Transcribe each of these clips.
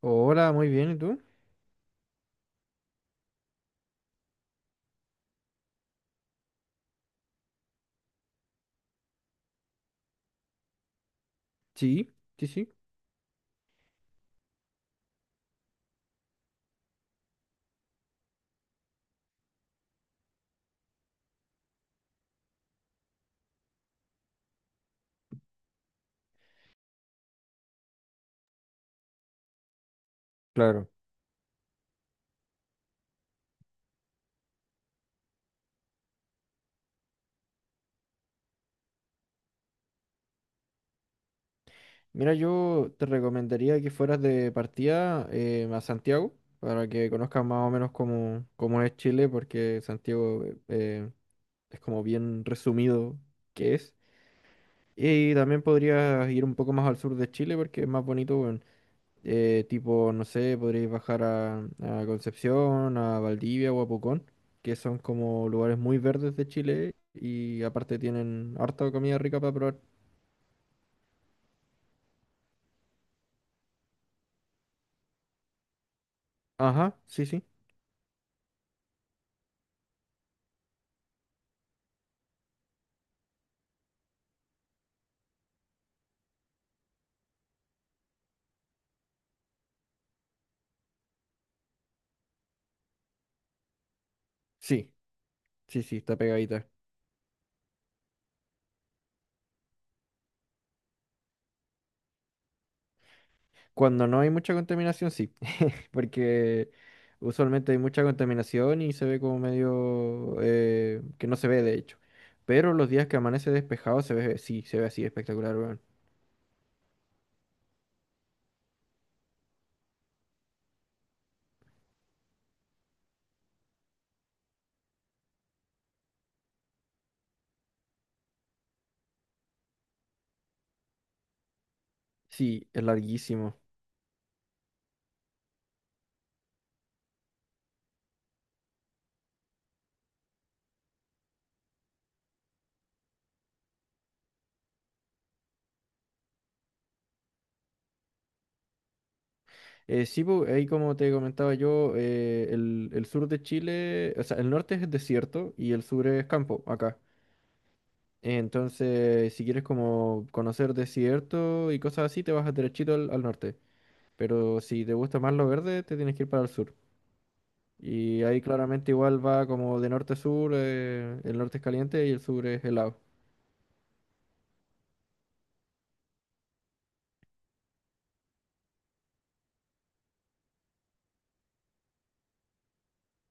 Hola, muy bien, ¿y tú? Sí, sí, sí, claro. Mira, yo te recomendaría que fueras de partida a Santiago para que conozcas más o menos cómo es Chile, porque Santiago es como bien resumido que es. Y también podrías ir un poco más al sur de Chile porque es más bonito, bueno, tipo, no sé, podrías bajar a Concepción, a Valdivia o a Pucón, que son como lugares muy verdes de Chile y aparte tienen harta comida rica para probar. Ajá, sí, sí. Sí, sí, sí, está pegadita. Cuando no hay mucha contaminación, sí. Porque usualmente hay mucha contaminación y se ve como medio que no se ve, de hecho. Pero los días que amanece despejado se ve, sí, se ve así espectacular, weón. Sí, es larguísimo. Sí, pu, ahí como te comentaba yo, el sur de Chile, o sea, el norte es desierto y el sur es campo, acá. Entonces, si quieres como conocer desierto y cosas así, te vas derechito al norte. Pero si te gusta más lo verde, te tienes que ir para el sur. Y ahí claramente igual va como de norte a sur, el norte es caliente y el sur es helado.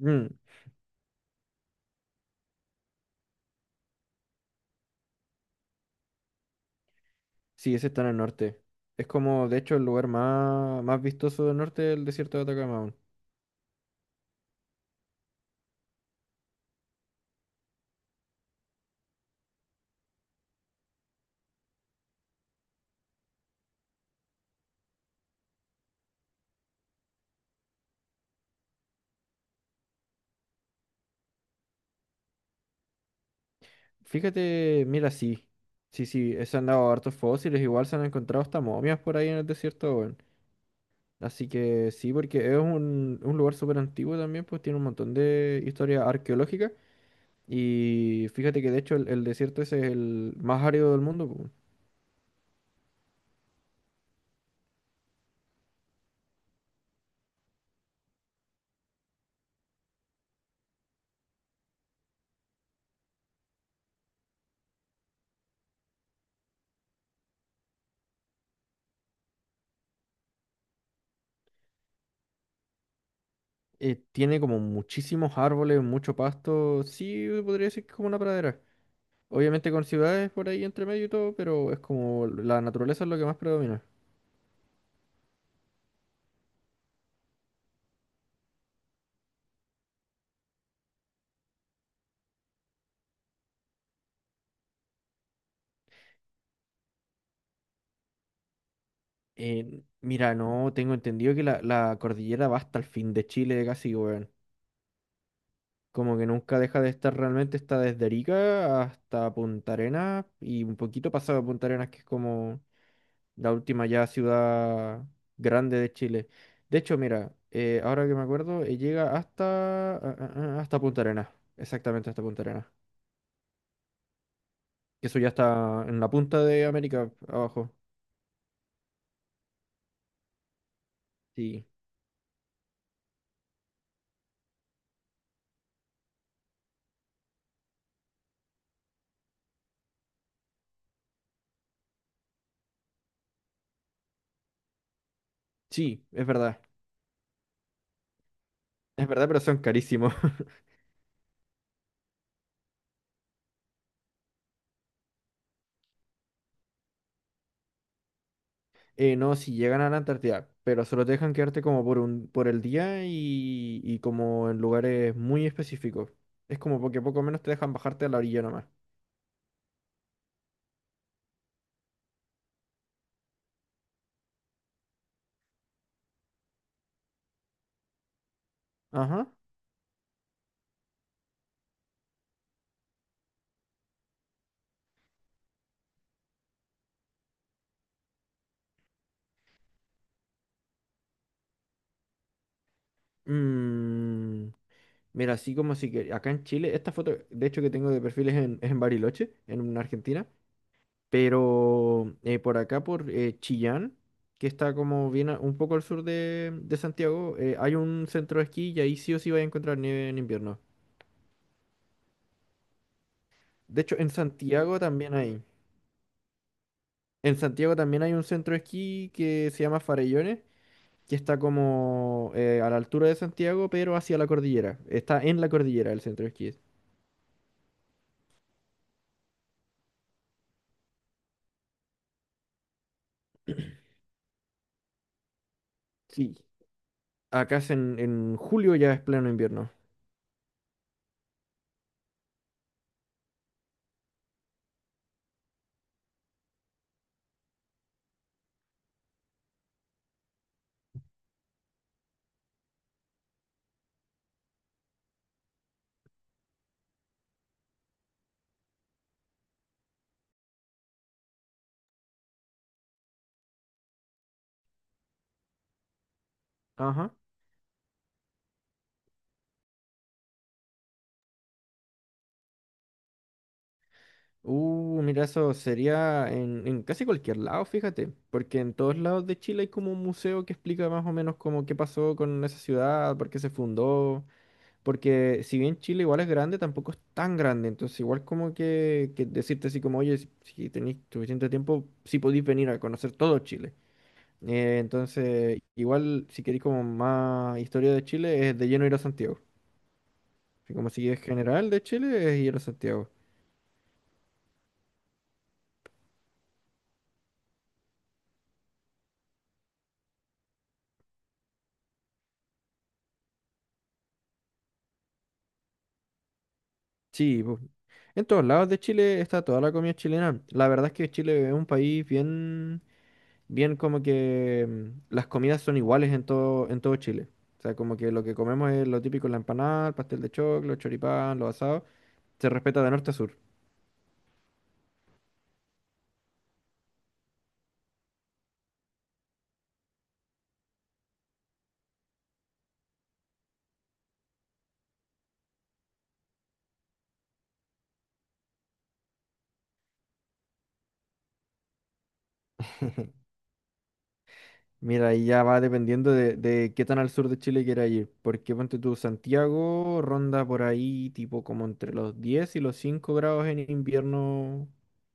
Mm, sí, ese está en el norte. Es como, de hecho, el lugar más, más vistoso del norte del desierto de Atacama. Aún. Fíjate, mira, sí. Sí, sí, se han dado hartos fósiles, igual se han encontrado hasta momias por ahí en el desierto, weón. Así que sí, porque es un lugar súper antiguo también, pues tiene un montón de historia arqueológica. Y fíjate que de hecho el desierto ese es el más árido del mundo. Po. Tiene como muchísimos árboles, mucho pasto. Sí, podría decir que es como una pradera. Obviamente con ciudades por ahí entre medio y todo, pero es como la naturaleza es lo que más predomina. Mira, no tengo entendido que la cordillera va hasta el fin de Chile casi, weón. Como que nunca deja de estar realmente, está desde Arica hasta Punta Arenas y un poquito pasado de Punta Arenas, que es como la última ya ciudad grande de Chile. De hecho, mira, ahora que me acuerdo, llega hasta, ah, ah, ah, hasta Punta Arenas, exactamente hasta Punta Arenas. Que eso ya está en la punta de América, abajo. Sí, sí, es verdad, pero son carísimos. No, si llegan a la Antártida, pero solo te dejan quedarte como por el día y como en lugares muy específicos. Es como porque poco menos te dejan bajarte a la orilla nomás. Ajá. Mm. Mira, así como si que acá en Chile, esta foto, de hecho, que tengo de perfil es en Bariloche, en Argentina, pero por acá, por Chillán, que está como bien un poco al sur de Santiago, hay un centro de esquí y ahí sí o sí vas a encontrar nieve en invierno. De hecho, en Santiago también hay. En Santiago también hay un centro de esquí que se llama Farellones, que está como a la altura de Santiago, pero hacia la cordillera. Está en la cordillera el centro de esquí. Sí. Acá es en julio ya es pleno invierno. Ajá. Mira, eso sería en casi cualquier lado, fíjate, porque en todos lados de Chile hay como un museo que explica más o menos como qué pasó con esa ciudad, por qué se fundó, porque si bien Chile igual es grande, tampoco es tan grande, entonces igual como que decirte así como, oye, si tenéis suficiente tiempo, sí podéis venir a conocer todo Chile. Entonces, igual si queréis como más historia de Chile, es de lleno ir a Santiago. Así como si es general de Chile, es ir a Santiago. Sí, en todos lados de Chile está toda la comida chilena. La verdad es que Chile es un país bien, bien como que las comidas son iguales en todo Chile. O sea, como que lo que comemos es lo típico, la empanada, el pastel de choclo, el choripán, los asados. Se respeta de norte a sur. Mira, ahí ya va dependiendo de qué tan al sur de Chile quieras ir. Porque ponte tú, Santiago ronda por ahí tipo como entre los 10 y los 5 grados en invierno,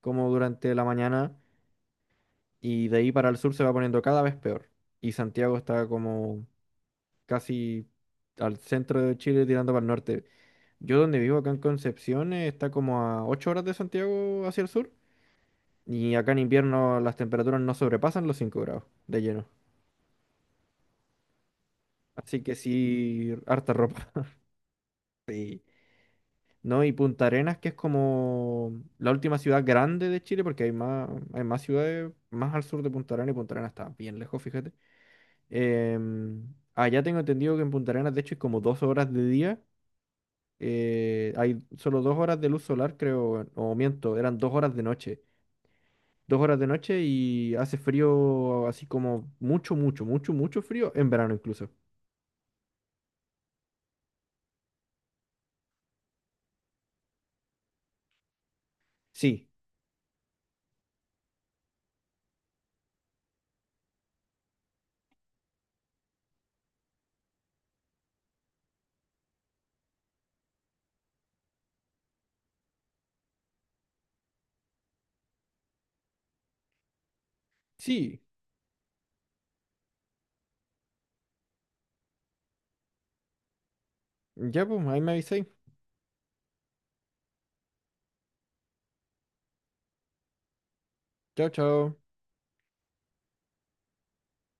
como durante la mañana. Y de ahí para el sur se va poniendo cada vez peor. Y Santiago está como casi al centro de Chile tirando para el norte. Yo donde vivo acá en Concepción está como a 8 horas de Santiago hacia el sur y acá en invierno las temperaturas no sobrepasan los 5 grados de lleno. Así que sí, harta ropa, ¿no? Y Punta Arenas, que es como la última ciudad grande de Chile, porque hay más ciudades más al sur de Punta Arenas y Punta Arenas está bien lejos, fíjate. Em, allá tengo entendido que en Punta Arenas, de hecho, hay como 2 horas de día. Hay solo 2 horas de luz solar, creo, o miento, eran 2 horas de noche. 2 horas de noche y hace frío así como mucho, mucho, mucho, mucho frío en verano incluso. Sí, sí, ya pues, ahí me avisáis. Chao, chao.